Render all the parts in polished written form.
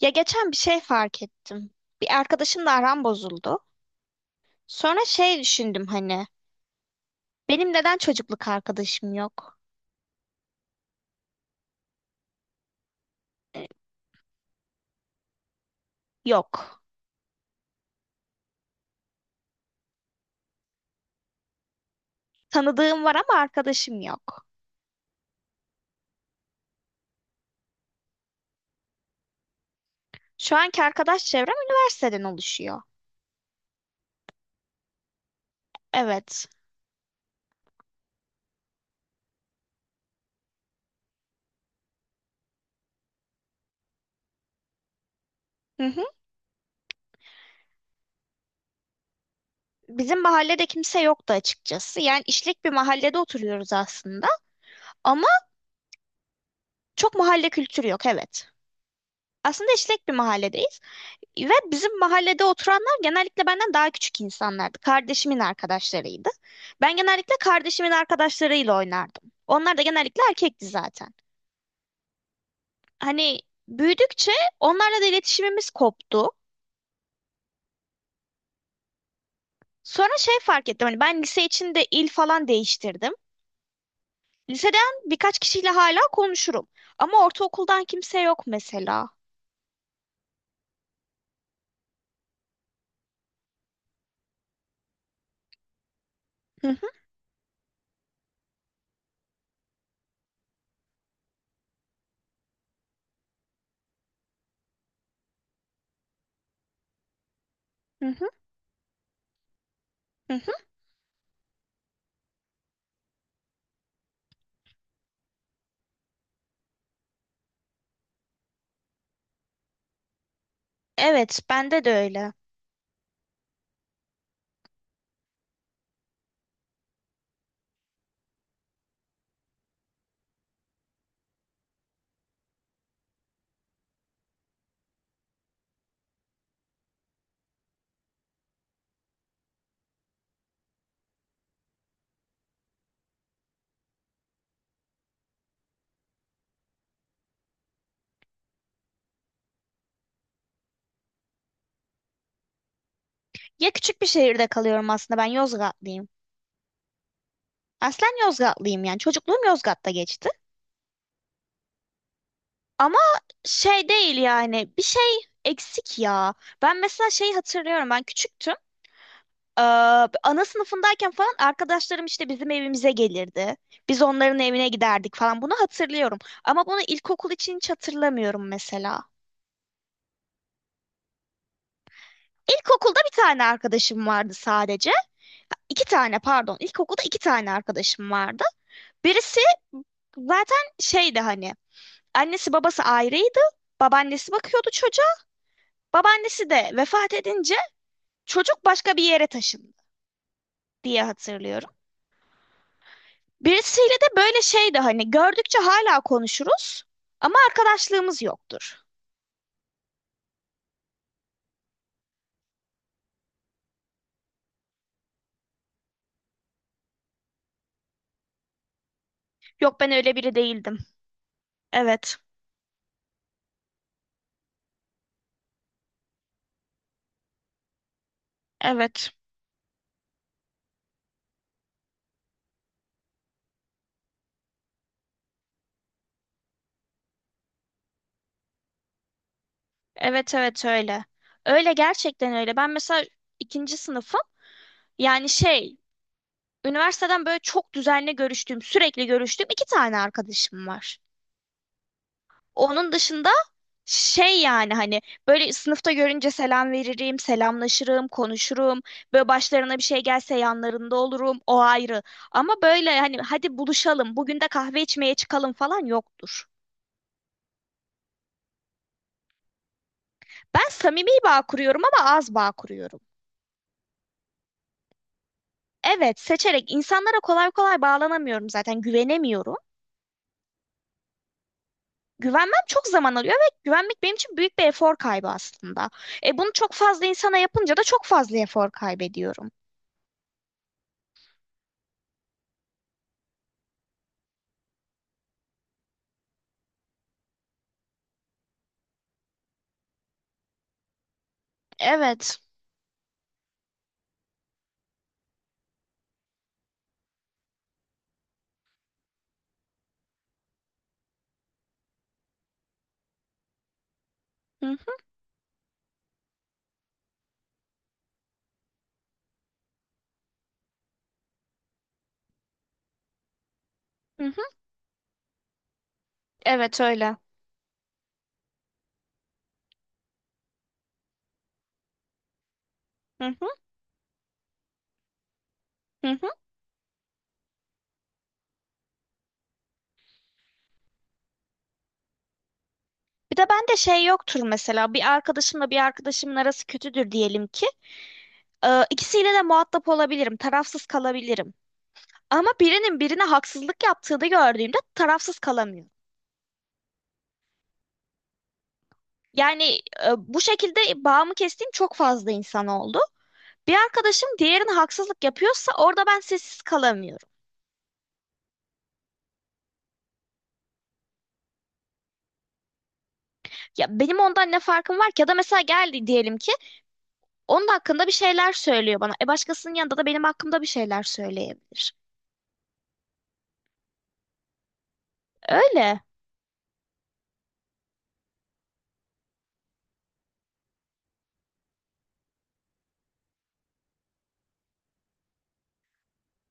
Ya geçen bir şey fark ettim. Bir arkadaşımla aram bozuldu. Sonra şey düşündüm hani. Benim neden çocukluk arkadaşım yok? E, Yok. Tanıdığım var ama arkadaşım yok. Şu anki arkadaş çevrem üniversiteden oluşuyor. Evet. Hı hı. Bizim mahallede kimse yoktu açıkçası. Yani işlek bir mahallede oturuyoruz aslında. Ama çok mahalle kültürü yok, evet. Aslında işlek bir mahalledeyiz. Ve bizim mahallede oturanlar genellikle benden daha küçük insanlardı. Kardeşimin arkadaşlarıydı. Ben genellikle kardeşimin arkadaşlarıyla oynardım. Onlar da genellikle erkekti zaten. Hani büyüdükçe onlarla da iletişimimiz koptu. Sonra şey fark ettim. Hani ben lise içinde il falan değiştirdim. Liseden birkaç kişiyle hala konuşurum. Ama ortaokuldan kimse yok mesela. Hı hı, hı hı, hı hı. Evet, bende de öyle. Ya küçük bir şehirde kalıyorum aslında. Ben Yozgatlıyım. Aslen Yozgatlıyım yani. Çocukluğum Yozgat'ta geçti. Ama şey değil yani bir şey eksik ya. Ben mesela şeyi hatırlıyorum ben küçüktüm. Ee, Ana sınıfındayken falan arkadaşlarım işte bizim evimize gelirdi. Biz onların evine giderdik falan bunu hatırlıyorum. Ama bunu ilkokul için hiç hatırlamıyorum mesela. İlkokulda bir tane arkadaşım vardı sadece. İki tane pardon ilkokulda iki tane arkadaşım vardı. Birisi zaten şeydi hani annesi babası ayrıydı. Babaannesi bakıyordu çocuğa. Babaannesi de vefat edince çocuk başka bir yere taşındı diye hatırlıyorum. Birisiyle de böyle şeydi hani gördükçe hala konuşuruz ama arkadaşlığımız yoktur. Yok ben öyle biri değildim. Evet, evet, evet, evet öyle. Öyle gerçekten öyle. Ben mesela ikinci sınıfım. Yani şey, üniversiteden böyle çok düzenli görüştüğüm, sürekli görüştüğüm iki tane arkadaşım var. Onun dışında şey yani hani böyle sınıfta görünce selam veririm, selamlaşırım, konuşurum. Böyle başlarına bir şey gelse yanlarında olurum, o ayrı. Ama böyle hani hadi buluşalım, bugün de kahve içmeye çıkalım falan yoktur. Ben samimi bağ kuruyorum ama az bağ kuruyorum. Evet, seçerek insanlara kolay kolay bağlanamıyorum zaten, güvenemiyorum. Güvenmem çok zaman alıyor ve güvenmek benim için büyük bir efor kaybı aslında. E bunu çok fazla insana yapınca da çok fazla efor kaybediyorum. Evet. Hı hı hı. Hı. Evet öyle. Hı hı hı. Hı. Bir de bende şey yoktur mesela bir arkadaşımla bir arkadaşımın arası kötüdür diyelim ki. İkisiyle de muhatap olabilirim, tarafsız kalabilirim. Ama birinin birine haksızlık yaptığını gördüğümde tarafsız kalamıyorum. Yani bu şekilde bağımı kestiğim çok fazla insan oldu. Bir arkadaşım diğerine haksızlık yapıyorsa orada ben sessiz kalamıyorum. Ya benim ondan ne farkım var ki? Ya da mesela geldi diyelim ki onun hakkında bir şeyler söylüyor bana. E başkasının yanında da benim hakkımda bir şeyler söyleyebilir. Öyle.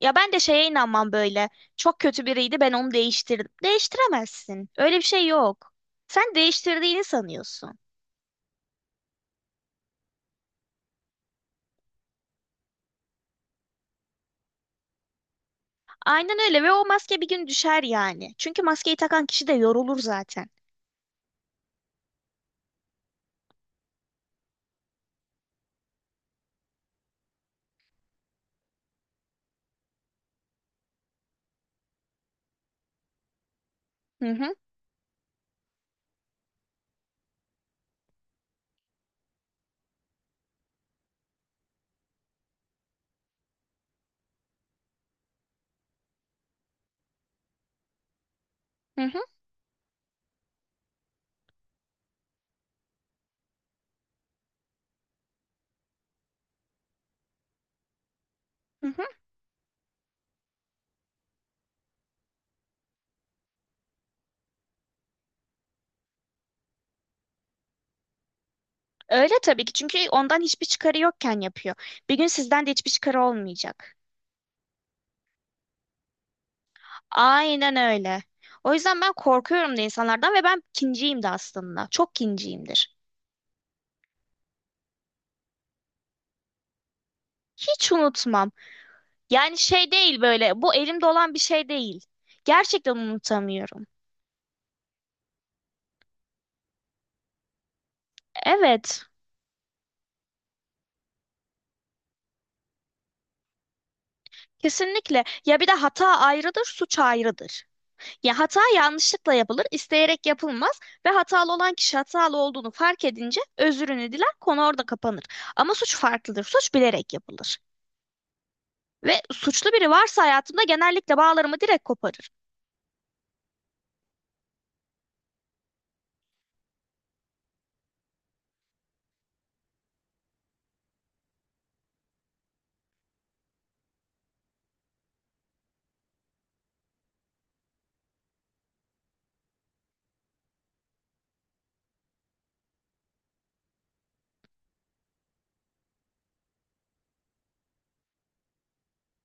Ya ben de şeye inanmam böyle. Çok kötü biriydi ben onu değiştirdim. Değiştiremezsin. Öyle bir şey yok. Sen değiştirdiğini sanıyorsun. Aynen öyle ve o maske bir gün düşer yani. Çünkü maskeyi takan kişi de yorulur zaten. Hı hı hı hı. Hı hı. Öyle tabii ki çünkü ondan hiçbir çıkarı yokken yapıyor. Bir gün sizden de hiçbir çıkarı olmayacak. Aynen öyle. O yüzden ben korkuyorum da insanlardan ve ben kinciyim de aslında. Çok kinciyimdir. Hiç unutmam. Yani şey değil böyle bu elimde olan bir şey değil. Gerçekten unutamıyorum. Evet, kesinlikle. Ya bir de hata ayrıdır, suç ayrıdır. Ya hata yanlışlıkla yapılır, isteyerek yapılmaz ve hatalı olan kişi hatalı olduğunu fark edince özrünü diler, konu orada kapanır. Ama suç farklıdır, suç bilerek yapılır. Ve suçlu biri varsa hayatımda genellikle bağlarımı direkt koparır.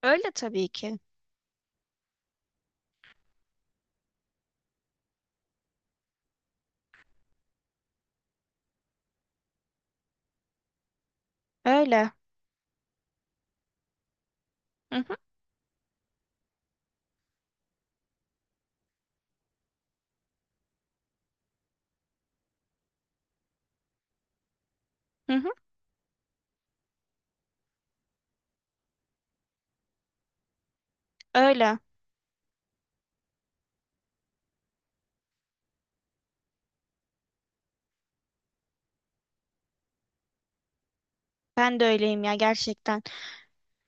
Öyle tabii ki. Öyle. Hı hı, hı hı, öyle. Ben de öyleyim ya gerçekten.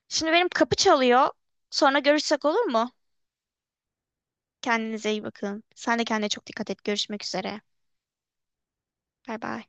Şimdi benim kapı çalıyor. Sonra görüşsek olur mu? Kendinize iyi bakın. Sen de kendine çok dikkat et. Görüşmek üzere. Bay bay.